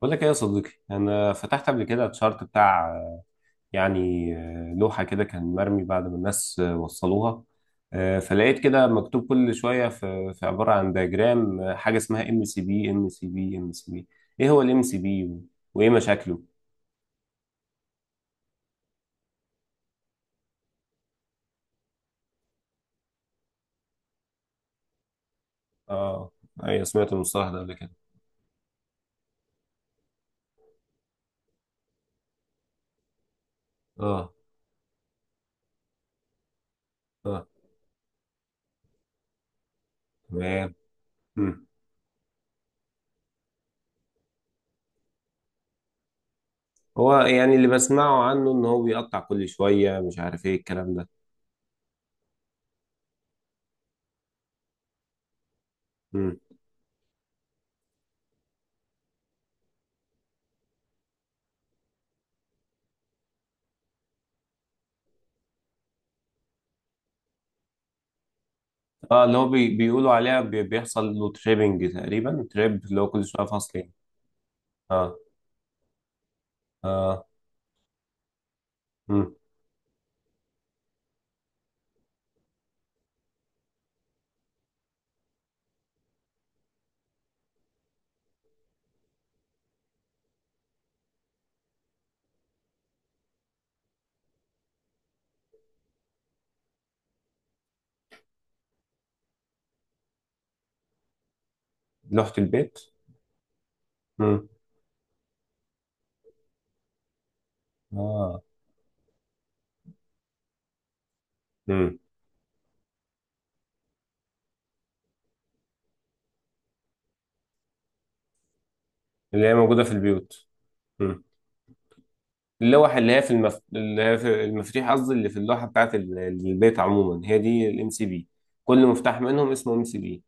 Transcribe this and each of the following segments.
بقول لك ايه يا صديقي انا فتحت قبل كده الشارت بتاع لوحه كده كان مرمي بعد ما الناس وصلوها فلقيت كده مكتوب كل شويه في عباره عن دياجرام حاجه اسمها ام سي بي. ايه هو الام سي بي وايه مشاكله؟ اه، ايوه سمعت المصطلح ده قبل كده. اه. اه، تمام. مم. هو يعني اللي بسمعه عنه ان هو بيقطع كل شويه، مش عارف ايه الكلام ده. اه، اللي هو بيقولوا عليها بيحصل له تريبنج تقريبا، تريب اللي هو كل شويه فصل يعني. اه. اه. مم. لوحة البيت. مم. اه. مم. اللي هي موجودة في البيوت. مم. اللي هي في اللي هي في المفاتيح، قصدي اللي في اللوحة بتاعت البيت عموما، هي دي الام سي بي. كل مفتاح منهم اسمه ام سي بي.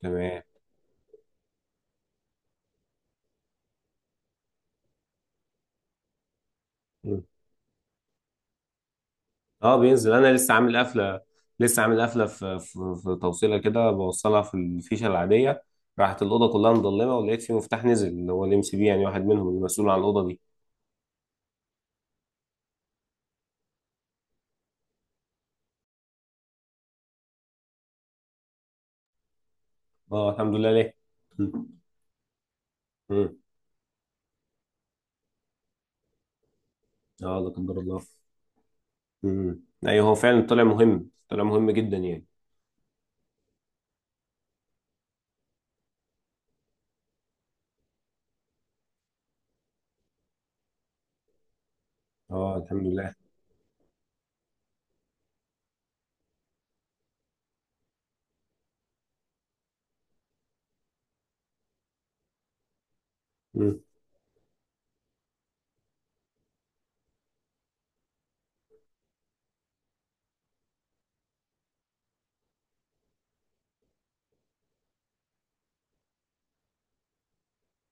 تمام. اه بينزل. انا لسه عامل قفله، لسه عامل قفله في توصيله كده، بوصلها في الفيشه العاديه. راحت الاوضه كلها مضلمه، ولقيت في مفتاح نزل اللي هو الام سي بي يعني، واحد منهم المسؤول عن الاوضه دي. اه الحمد لله. ليه؟ مم. مم. اه لا قدر الله. مم. ايوه هو فعلا طلع مهم، طلع مهم جدا يعني. اه الحمد لله. مم.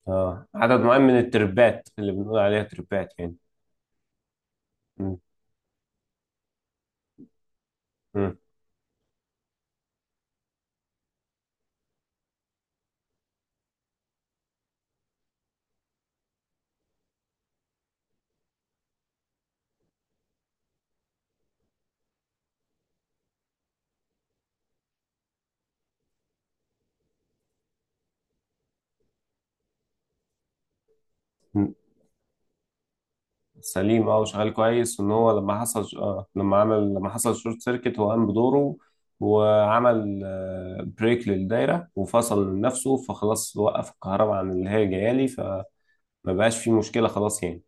اه، عدد معين من التربات، اللي بنقول عليها تربات يعني. مم. مم. سليم. اه وشغال كويس. وان هو لما حصل آه، لما حصل شورت سيركت، هو قام بدوره وعمل بريك للدايره وفصل من نفسه، فخلاص وقف الكهرباء عن اللي هي جايه لي، فما بقاش في مشكله خلاص يعني.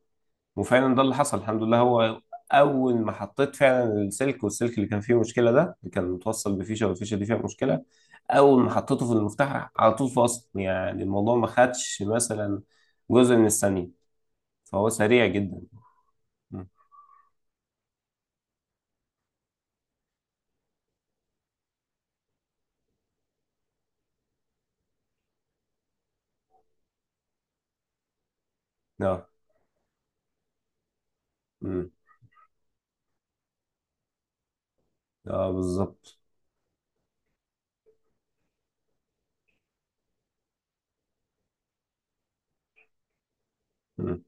وفعلا ده اللي حصل الحمد لله. هو اول ما حطيت فعلا السلك، والسلك اللي كان فيه مشكله ده اللي كان متوصل بفيشه والفيشه دي فيها مشكله، اول ما حطيته في المفتاح على طول فصل، يعني الموضوع ما خدش مثلا جزء من الثانيه. فهو سريع جدا. م. اه. م. اه بالظبط. مم.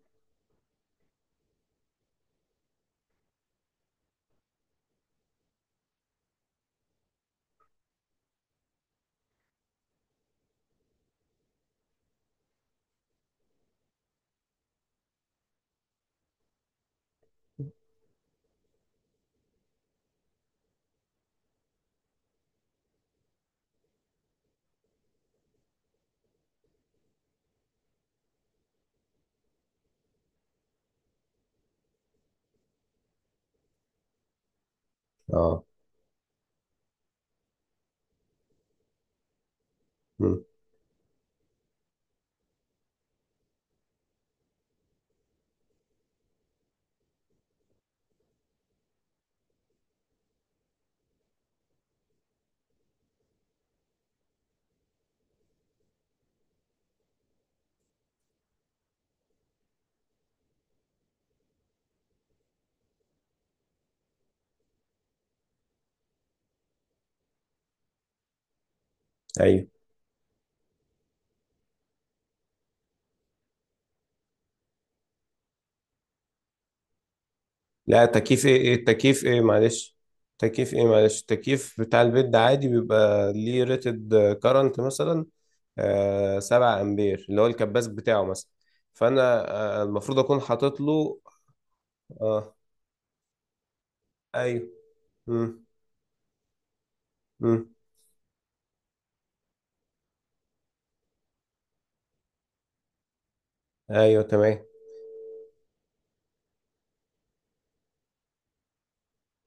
اه. مم. ايوه، لا. تكييف ايه ايه التكييف ايه؟ معلش، تكييف ايه معلش؟ التكييف بتاع البيت ده عادي بيبقى ليه ريتد كارنت، مثلا آه 7 امبير، اللي هو الكباس بتاعه مثلا. فانا آه المفروض اكون حاطط له. اه. ايوه. مم. مم. ايوه تمام.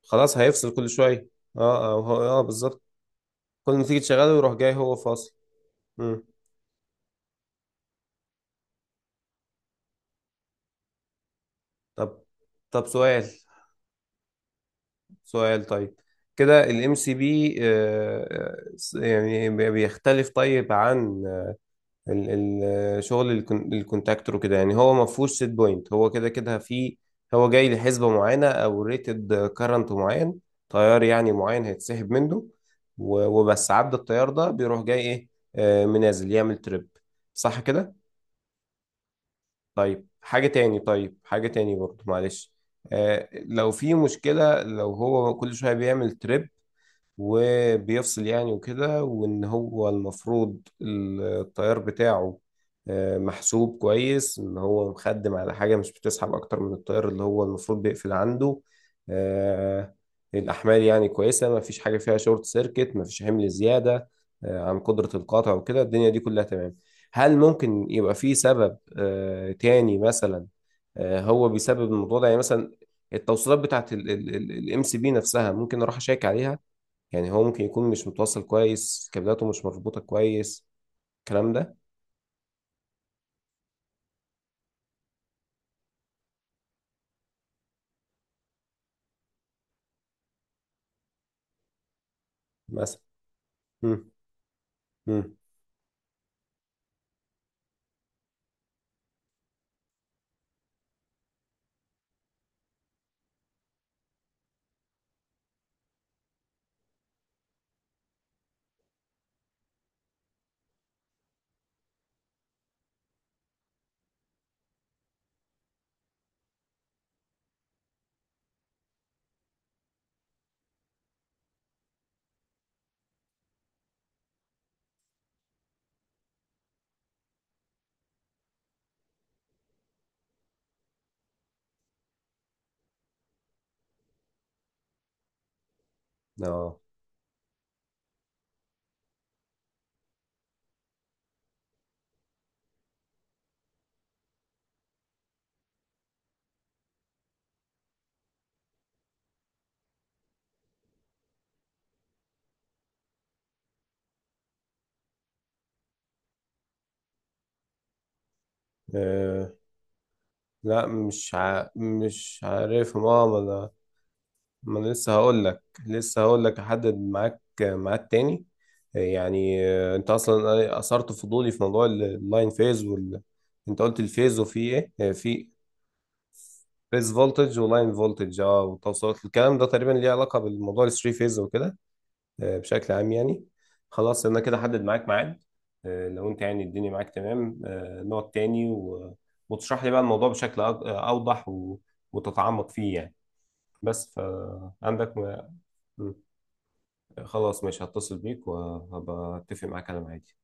خلاص هيفصل كل شويه. اه. بالظبط. كل ما تيجي تشغله يروح جاي هو فاصل. مم. طب طب سؤال، سؤال طيب، كده الام سي بي يعني بيختلف طيب عن ال- شغل الكونتاكتور وكده؟ يعني هو ما فيهوش سيت بوينت، هو كده كده في، هو جاي لحسبة معينة او ريتد كارنت معين، تيار يعني معين هيتسحب منه، وبس عدى التيار ده بيروح جاي ايه منازل، يعمل تريب. صح كده؟ طيب حاجة تاني، طيب حاجة تاني برضه معلش، لو في مشكلة، لو هو كل شوية بيعمل تريب وبيفصل يعني وكده، وان هو المفروض التيار بتاعه محسوب كويس، ان هو مخدم على حاجة مش بتسحب اكتر من التيار اللي هو المفروض بيقفل عنده، آه، الاحمال يعني كويسة، ما فيش حاجة فيها شورت سيركت، ما فيش حمل زيادة عن قدرة القاطع وكده، الدنيا دي كلها تمام. هل ممكن يبقى في سبب تاني مثلا هو بيسبب الموضوع ده؟ يعني مثلا التوصيلات بتاعت الام سي بي نفسها ممكن اروح اشيك عليها؟ يعني هو ممكن يكون مش متوصل كويس، كابلاته مش مربوطة كويس الكلام ده، مثلا. مم. مم. اه. آه، لا مش مش عارف يا ماما انا. ما أنا لسه هقول لك، لسه هقول لك احدد معاك ميعاد تاني. انت اصلا اثرت فضولي في موضوع اللاين فيز انت قلت الفيز وفي ايه؟ في فيز فولتج ولاين فولتج. اه والتوصيلات الكلام ده تقريبا ليه علاقة بالموضوع الثري فيز وكده بشكل عام يعني. خلاص انا كده حدد معاك ميعاد، لو انت يعني الدنيا معاك تمام نقعد تاني و... وتشرح لي بقى الموضوع بشكل اوضح و... وتتعمق فيه يعني. بس فعندك م. خلاص ماشي، هتصل بيك وهبقى اتفق معاك على ميعادي.